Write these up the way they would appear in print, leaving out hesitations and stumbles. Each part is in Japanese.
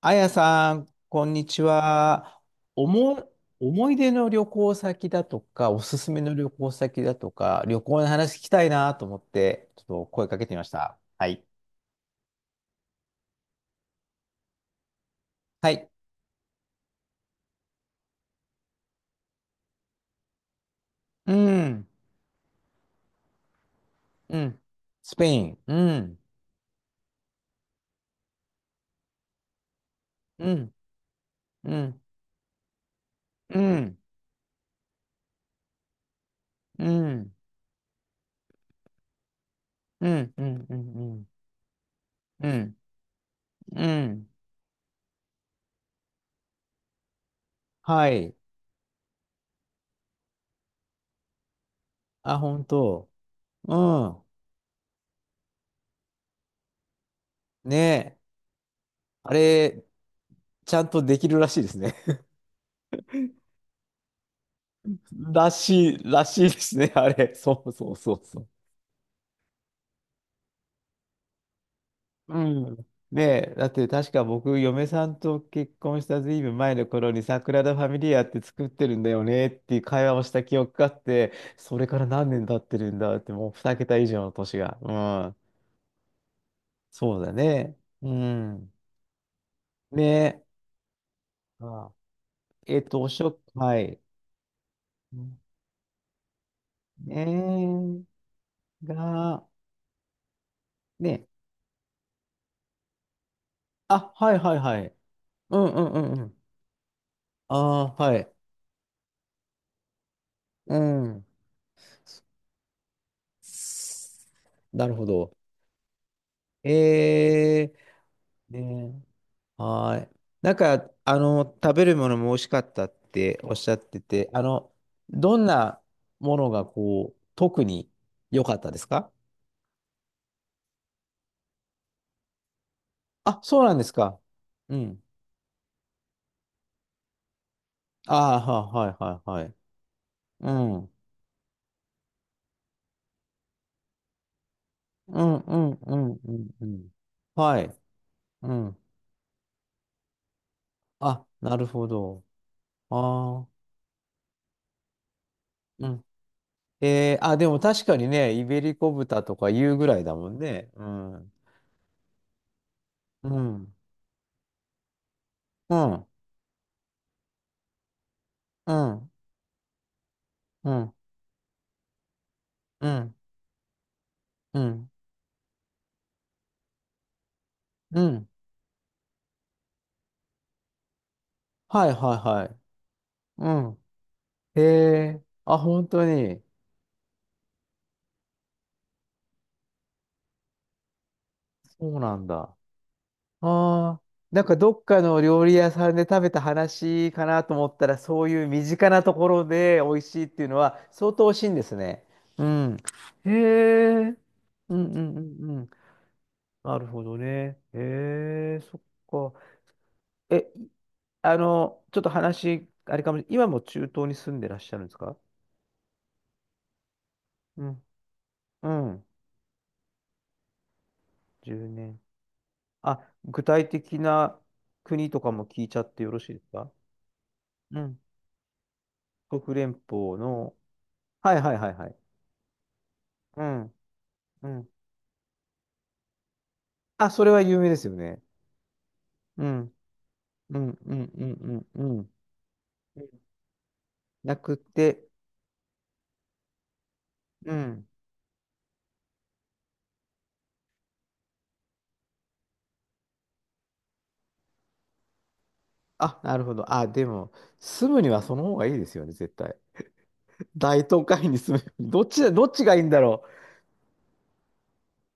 あやさん、こんにちは。おも、思い出の旅行先だとか、おすすめの旅行先だとか、旅行の話聞きたいなと思って、ちょっと声かけてみました。はい。はい。うん。うん。スペイン。うん。うん。うん。うん。うん。うん。うん。うん。うん。うん。はい。あ、本当。うん。ねえ。あれ、ちゃんとできるらしいですね。らしいですね、あれ。そうそうそうそう。うん。ねえ、だって確か僕、嫁さんと結婚したずいぶん前の頃に、サグラダ・ファミリアって作ってるんだよねっていう会話をした記憶があって、それから何年経ってるんだって、もう2桁以上の年が。うん。そうだね。うん。ねえ。あ、えっと、おしょ、はい。ねえ、が、ねえ。あ、はいはいはい。うんうんうんうん。ああ、はい。うん。なるほど。えー、ね、はーい。なんか、食べるものも美味しかったっておっしゃってて、どんなものがこう、特に良かったですか？あ、そうなんですか。うん。ああ、はいはいはいはい。うん。うんうんうんうんうん。はい。うん。あ、なるほど。ああ。うん。えー、あ、でも確かにね、イベリコ豚とか言うぐらいだもんね。うん。うん、うん、うん、うん、うん、うん、うん。はいはいはい。うん。へえ、あ、本当に。そうなんだ。ああ、なんかどっかの料理屋さんで食べた話かなと思ったら、そういう身近なところで美味しいっていうのは相当美味しいんですね。うん。へえ。うんうんうんうん。なるほどね。へえ、そっか。え、ちょっと話、あれかも、今も中東に住んでらっしゃるんですか？うん。うん。10年。あ、具体的な国とかも聞いちゃってよろしいですか？うん。国連邦の。はいはいはいはい。うん。うん。あ、それは有名ですよね。うん。うんうんうんうんうん。なくて、うん。あ、なるほど。あ、でも、住むにはその方がいいですよね、絶対。大都会に住む。どっちだ、どっちがいいんだろ？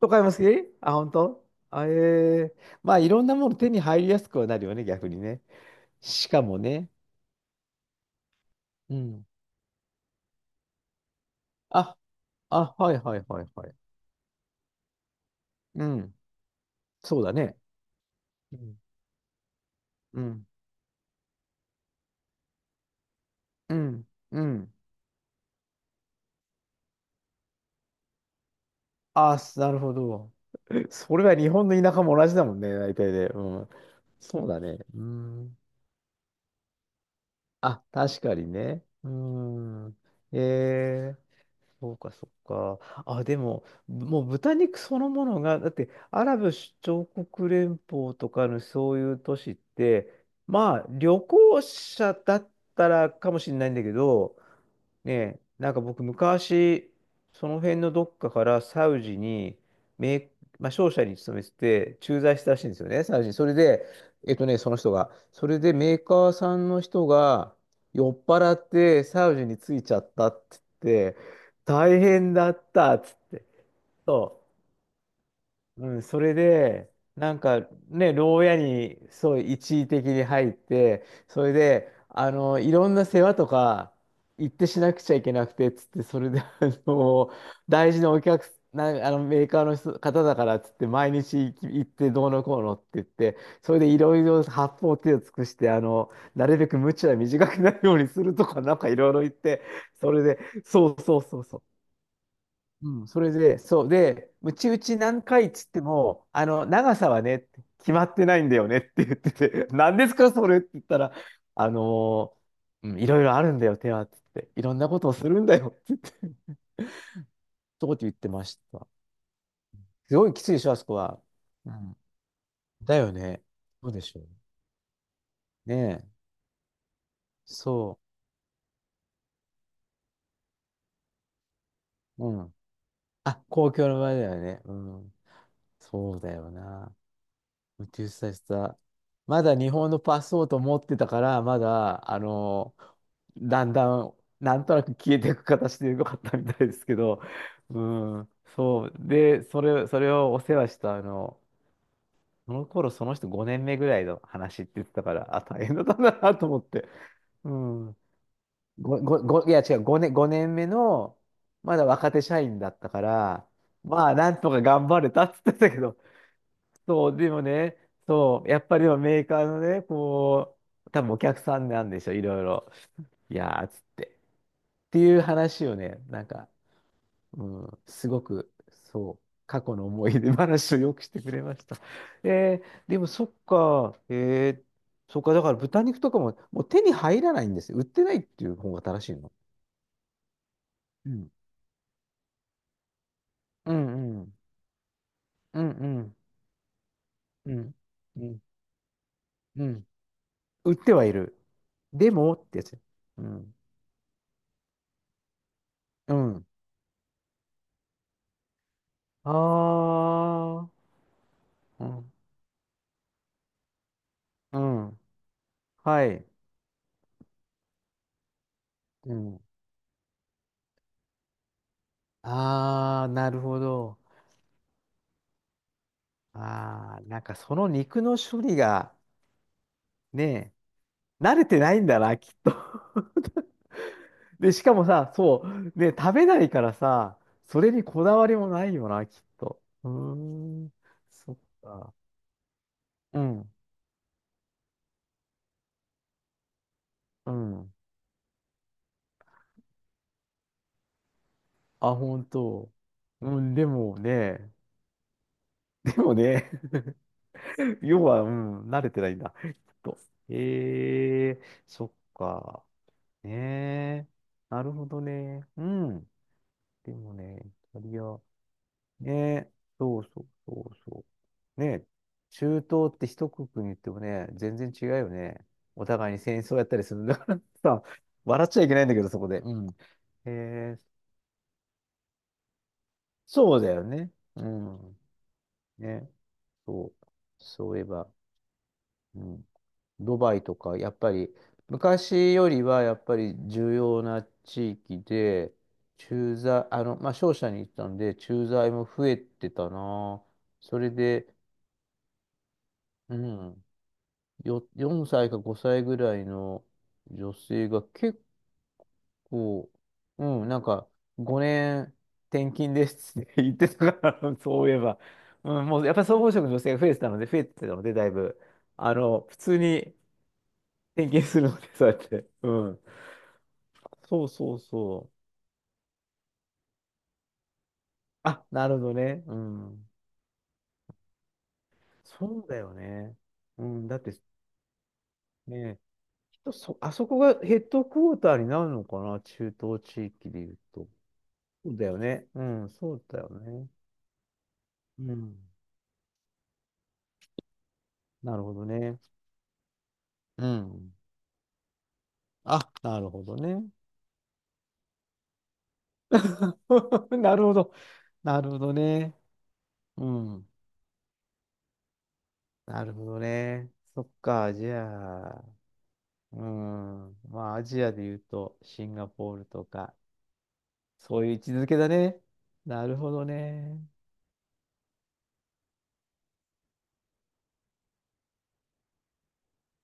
と買いますけあ、本当あえー、まあ、いろんなもの手に入りやすくはなるよね、逆にね。しかもね。うん。あ、あ、はいはいはいはい。うん。そうだね。うん。うん。うん。うん。あ、なるほど。それは日本の田舎も同じだもんね、大体で。うん。そうだね。うん。あ、確かにね。うん。えーそうか、そうか。あ、でも、ぶもう豚肉そのものが、だって、アラブ首長国連邦とかのそういう都市って、まあ、旅行者だったらかもしれないんだけど、ねえ、なんか僕昔、その辺のどっかからサウジに、名まあ、商社に勤めてて、駐在したらしいんですよね、サウジに。それで、その人が。それでメーカーさんの人が酔っ払ってサウジに着いちゃったって言って、大変だったっつって。そううん、それで、なんかね、牢屋にそう一時的に入って、それで、いろんな世話とか行ってしなくちゃいけなくて、つって、それで、の、大事なお客な、メーカーの人方だからっつって、毎日行き行ってどうのこうのって言って、それでいろいろ八方手を尽くして、なるべく鞭は短くなるようにするとか、なんかいろいろ言って、それで、そうそうそうそう。うん、それで、そう。で、うち打ち何回っつっても、長さはね、決まってないんだよねって言ってて、何ですか、それって言ったら、あのうん、いろいろあるんだよ、手はって言って、いろんなことをするんだよって言って、そうって言ってました。すごいきついでしょ、あそこは。うん。だよね。そうでしょう。ねえ。そう。うん。あ、公共の場合だよね。うん。そうだよな。宇宙スタスタ。まだ日本のパスポート持ってたから、まだ、だんだん、なんとなく消えていく形でよかったみたいですけど、うん、そう。で、それ、それをお世話した、その頃、その人5年目ぐらいの話って言ってたから、あ、大変だったんだなと思って。うん。ご、ご、ご、いや、違う、5年、5年目の、まだ若手社員だったから、まあ、なんとか頑張れたって言ってたけど、そう、でもね、そう、やっぱりでもメーカーのね、こう、多分お客さんなんでしょ、いろいろ。いやー、つって。っていう話をね、なんか、うん、すごく、そう、過去の思い出話をよくしてくれました。えー、でもそっか、えー、そっか、だから豚肉とかも、もう手に入らないんですよ。売ってないっていう方が正しいの。うん。うんうん。うんうんうん。うんうん。売ってはいる。でもってやつ。うん。うん。ああ、うん、うん、はい、うん。ああ、なるほど。ああ、なんかその肉の処理が、ね、慣れてないんだな、きっと。で、しかもさ、そう、ね、食べないからさ、それにこだわりもないよな、きっと。うーん、そっか。うん、うん。あ、本当。うん、でもね、でもね 要は、うん、慣れてないんだ。きっと。ええそっか。ねえ。なるほどね。うん。でもね、イタリア。ねえ。そうそうそうそう。ねえ。中東って一国に言ってもね、全然違うよね。お互いに戦争やったりするんだからさ、笑っちゃいけないんだけど、そこで。うん。ええそうだよね。うん。ね。そう。そういえば。うん、ドバイとか、やっぱり昔よりはやっぱり重要な地域で、駐在、まあ、商社に行ったんで、駐在も増えてたな。それで、うん、よ、4歳か5歳ぐらいの女性が結構、うん、なんか5年転勤ですって言ってたから、そういえば。うん、もうやっぱり総合職の女性が増えてたので、だいぶ。普通に点検するので、そうやって。うん。そうそうそう。あ、なるほどね。うん。そうだよね。うん。だってね、人そ、あそこがヘッドクォーターになるのかな、中東地域で言うと。そうだよね。うん、そうだよね。うん。なるほどね。うん。あ、なるほどね。なるほど。なるほどね。うん。なるほどね。そっか、じゃあ。うん。まあ、アジアで言うと、シンガポールとか、そういう位置づけだね。なるほどね。